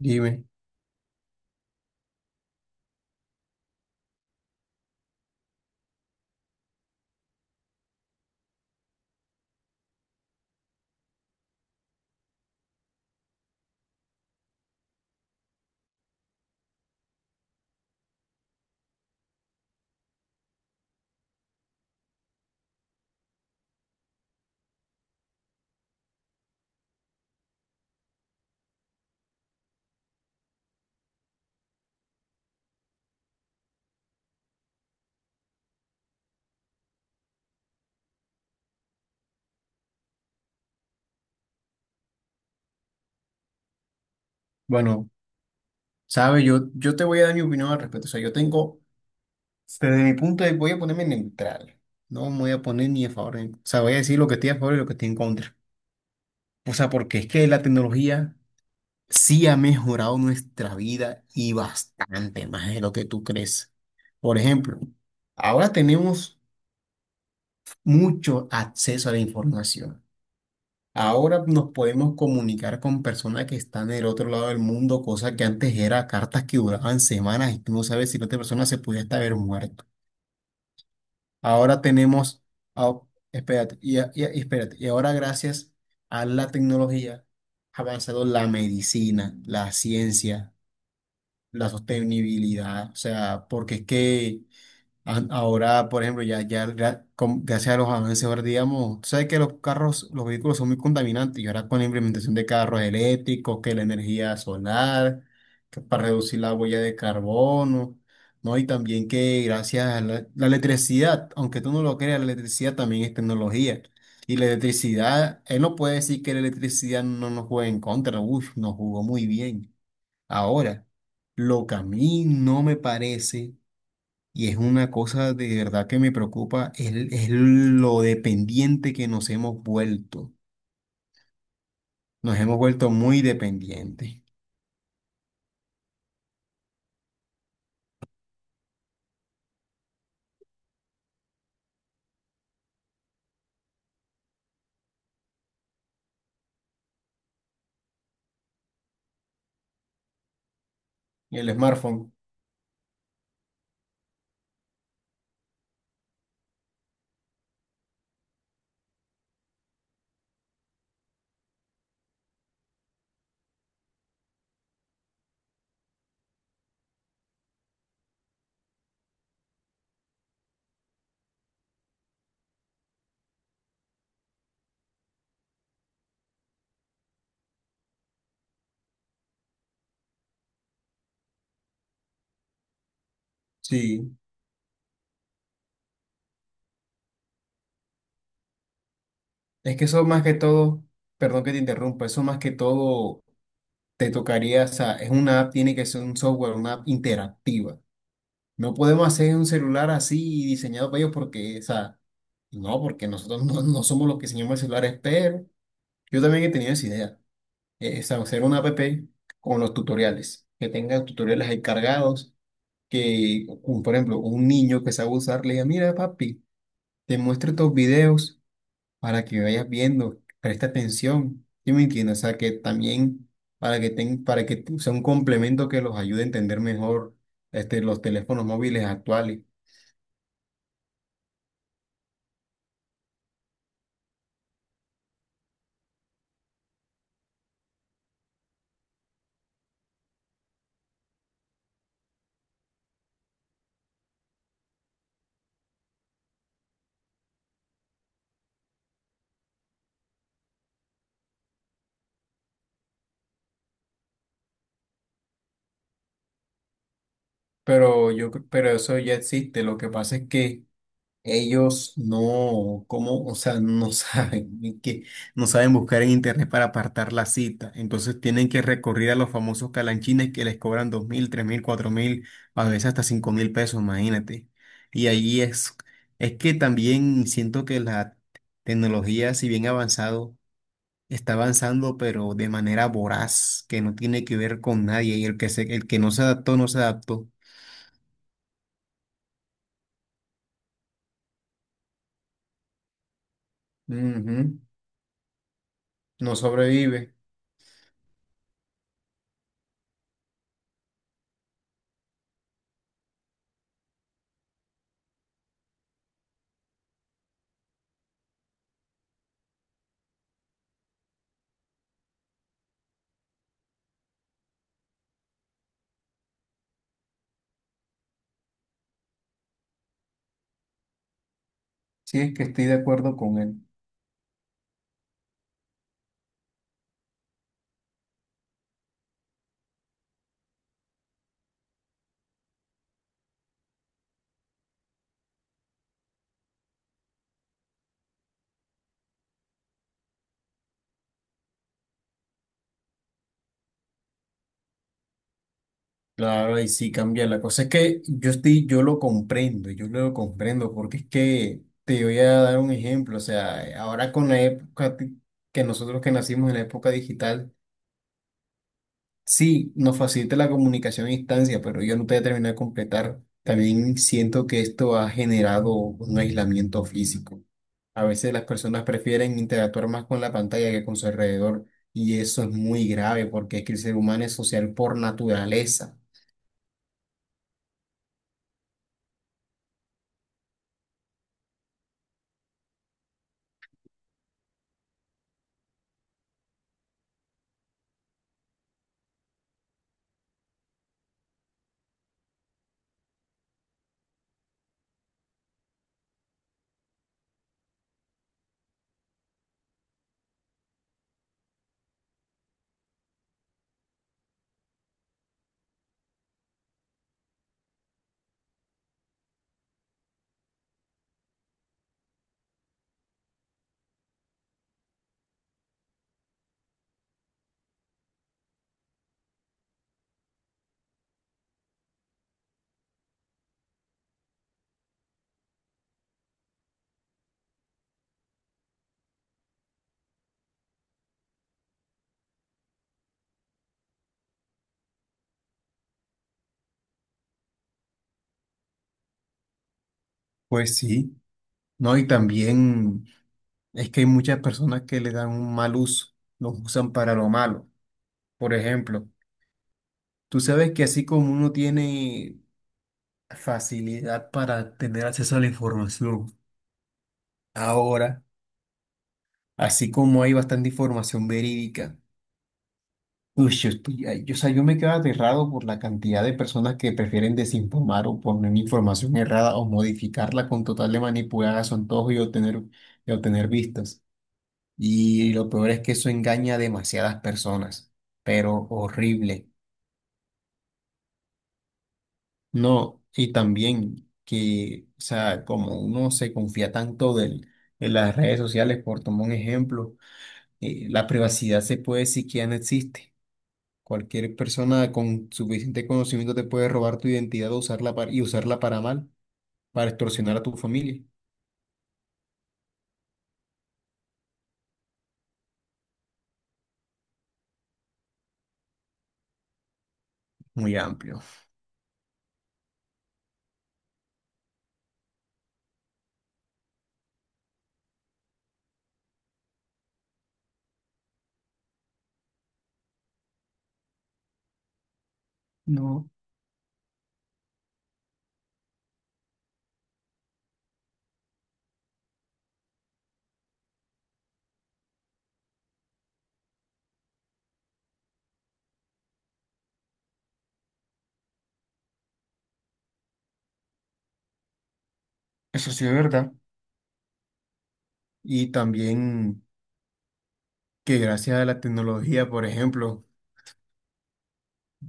Dime, bueno, sabes, yo te voy a dar mi opinión al respecto. O sea, yo tengo, desde mi punto de voy a ponerme neutral. No me voy a poner ni a favor, o sea, voy a decir lo que estoy a favor y lo que estoy en contra. O sea, porque es que la tecnología sí ha mejorado nuestra vida y bastante más de lo que tú crees. Por ejemplo, ahora tenemos mucho acceso a la información. Ahora nos podemos comunicar con personas que están en el otro lado del mundo, cosa que antes era cartas que duraban semanas y tú no sabes si la otra persona se pudiera hasta haber muerto. Ahora tenemos, ah, Espérate, y ahora gracias a la tecnología ha avanzado la medicina, la ciencia, la sostenibilidad. O sea, porque es que ahora, por ejemplo, ya, ya, gracias a los avances, ahora digamos, tú sabes que los carros, los vehículos son muy contaminantes, y ahora con la implementación de carros eléctricos, que la energía solar, que para reducir la huella de carbono, ¿no? Y también que gracias a la electricidad, aunque tú no lo creas, la electricidad también es tecnología. Y la electricidad, él no puede decir que la electricidad no nos juega en contra. Uff, nos jugó muy bien. Ahora, lo que a mí no me parece y es una cosa de verdad que me preocupa, es lo dependiente que nos hemos vuelto. Nos hemos vuelto muy dependientes. Y el smartphone. Sí, es que eso más que todo, perdón que te interrumpa, eso más que todo te tocaría, o sea, es una app, tiene que ser un software, una app interactiva. No podemos hacer un celular así diseñado para ellos porque, o sea, no, porque nosotros no somos los que diseñamos el celular, pero yo también he tenido esa idea. Hacer una app con los tutoriales, que tenga tutoriales ahí cargados, que, por ejemplo, un niño que sabe usar, le diga: mira, papi, te muestro estos videos para que vayas viendo, presta atención. ¿Sí me entiendes? O sea, que también para que sea un complemento que los ayude a entender mejor, este, los teléfonos móviles actuales. Pero eso ya existe. Lo que pasa es que ellos no, ¿cómo? O sea, no saben, es que no saben buscar en internet para apartar la cita. Entonces tienen que recurrir a los famosos calanchines que les cobran 2.000, 3.000, 4.000, a veces hasta 5.000 pesos, imagínate. Y ahí es que también siento que la tecnología, si bien ha avanzado, está avanzando, pero de manera voraz, que no tiene que ver con nadie. Y el que no se adaptó, no se adaptó. Ujú. No sobrevive. Sí, es que estoy de acuerdo con él. Claro, ahí sí cambia. La cosa es que yo lo comprendo, porque es que te voy a dar un ejemplo. O sea, ahora con la época que nosotros que nacimos en la época digital, sí, nos facilita la comunicación a distancia, pero yo no te voy a terminar de completar. También siento que esto ha generado un aislamiento físico. A veces las personas prefieren interactuar más con la pantalla que con su alrededor, y eso es muy grave porque es que el ser humano es social por naturaleza. Pues sí. No, y también es que hay muchas personas que le dan un mal uso, los usan para lo malo. Por ejemplo, tú sabes que así como uno tiene facilidad para tener acceso a la información, ahora, así como hay bastante información verídica, uy, yo estoy, ay, yo, o sea, yo me quedo aterrado por la cantidad de personas que prefieren desinformar o poner información errada o modificarla con total de manipular a su antojo y obtener vistas. Y lo peor es que eso engaña a demasiadas personas, pero horrible. No, y también que, o sea, como uno se confía tanto del, en las redes sociales, por tomar un ejemplo, la privacidad se puede decir que ya no existe. Cualquier persona con suficiente conocimiento te puede robar tu identidad o y usarla para mal, para extorsionar a tu familia. Muy amplio. No, eso sí es verdad. Y también que gracias a la tecnología, por ejemplo,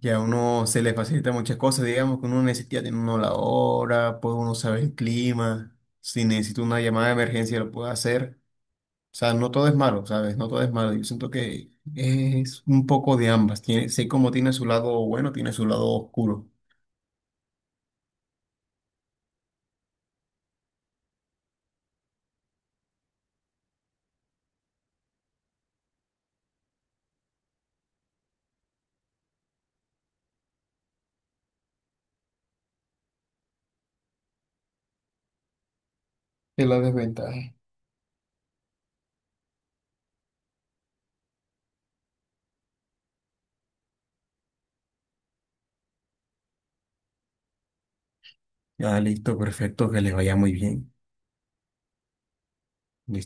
ya a uno se le facilita muchas cosas, digamos que uno necesita tener uno la hora, puede uno saber el clima, si necesita una llamada de emergencia lo puede hacer. O sea, no todo es malo, ¿sabes? No todo es malo. Yo siento que es un poco de ambas. Tiene, sé cómo tiene su lado bueno, tiene su lado oscuro. Es la desventaja. Ah, listo, perfecto, que les vaya muy bien. Listo.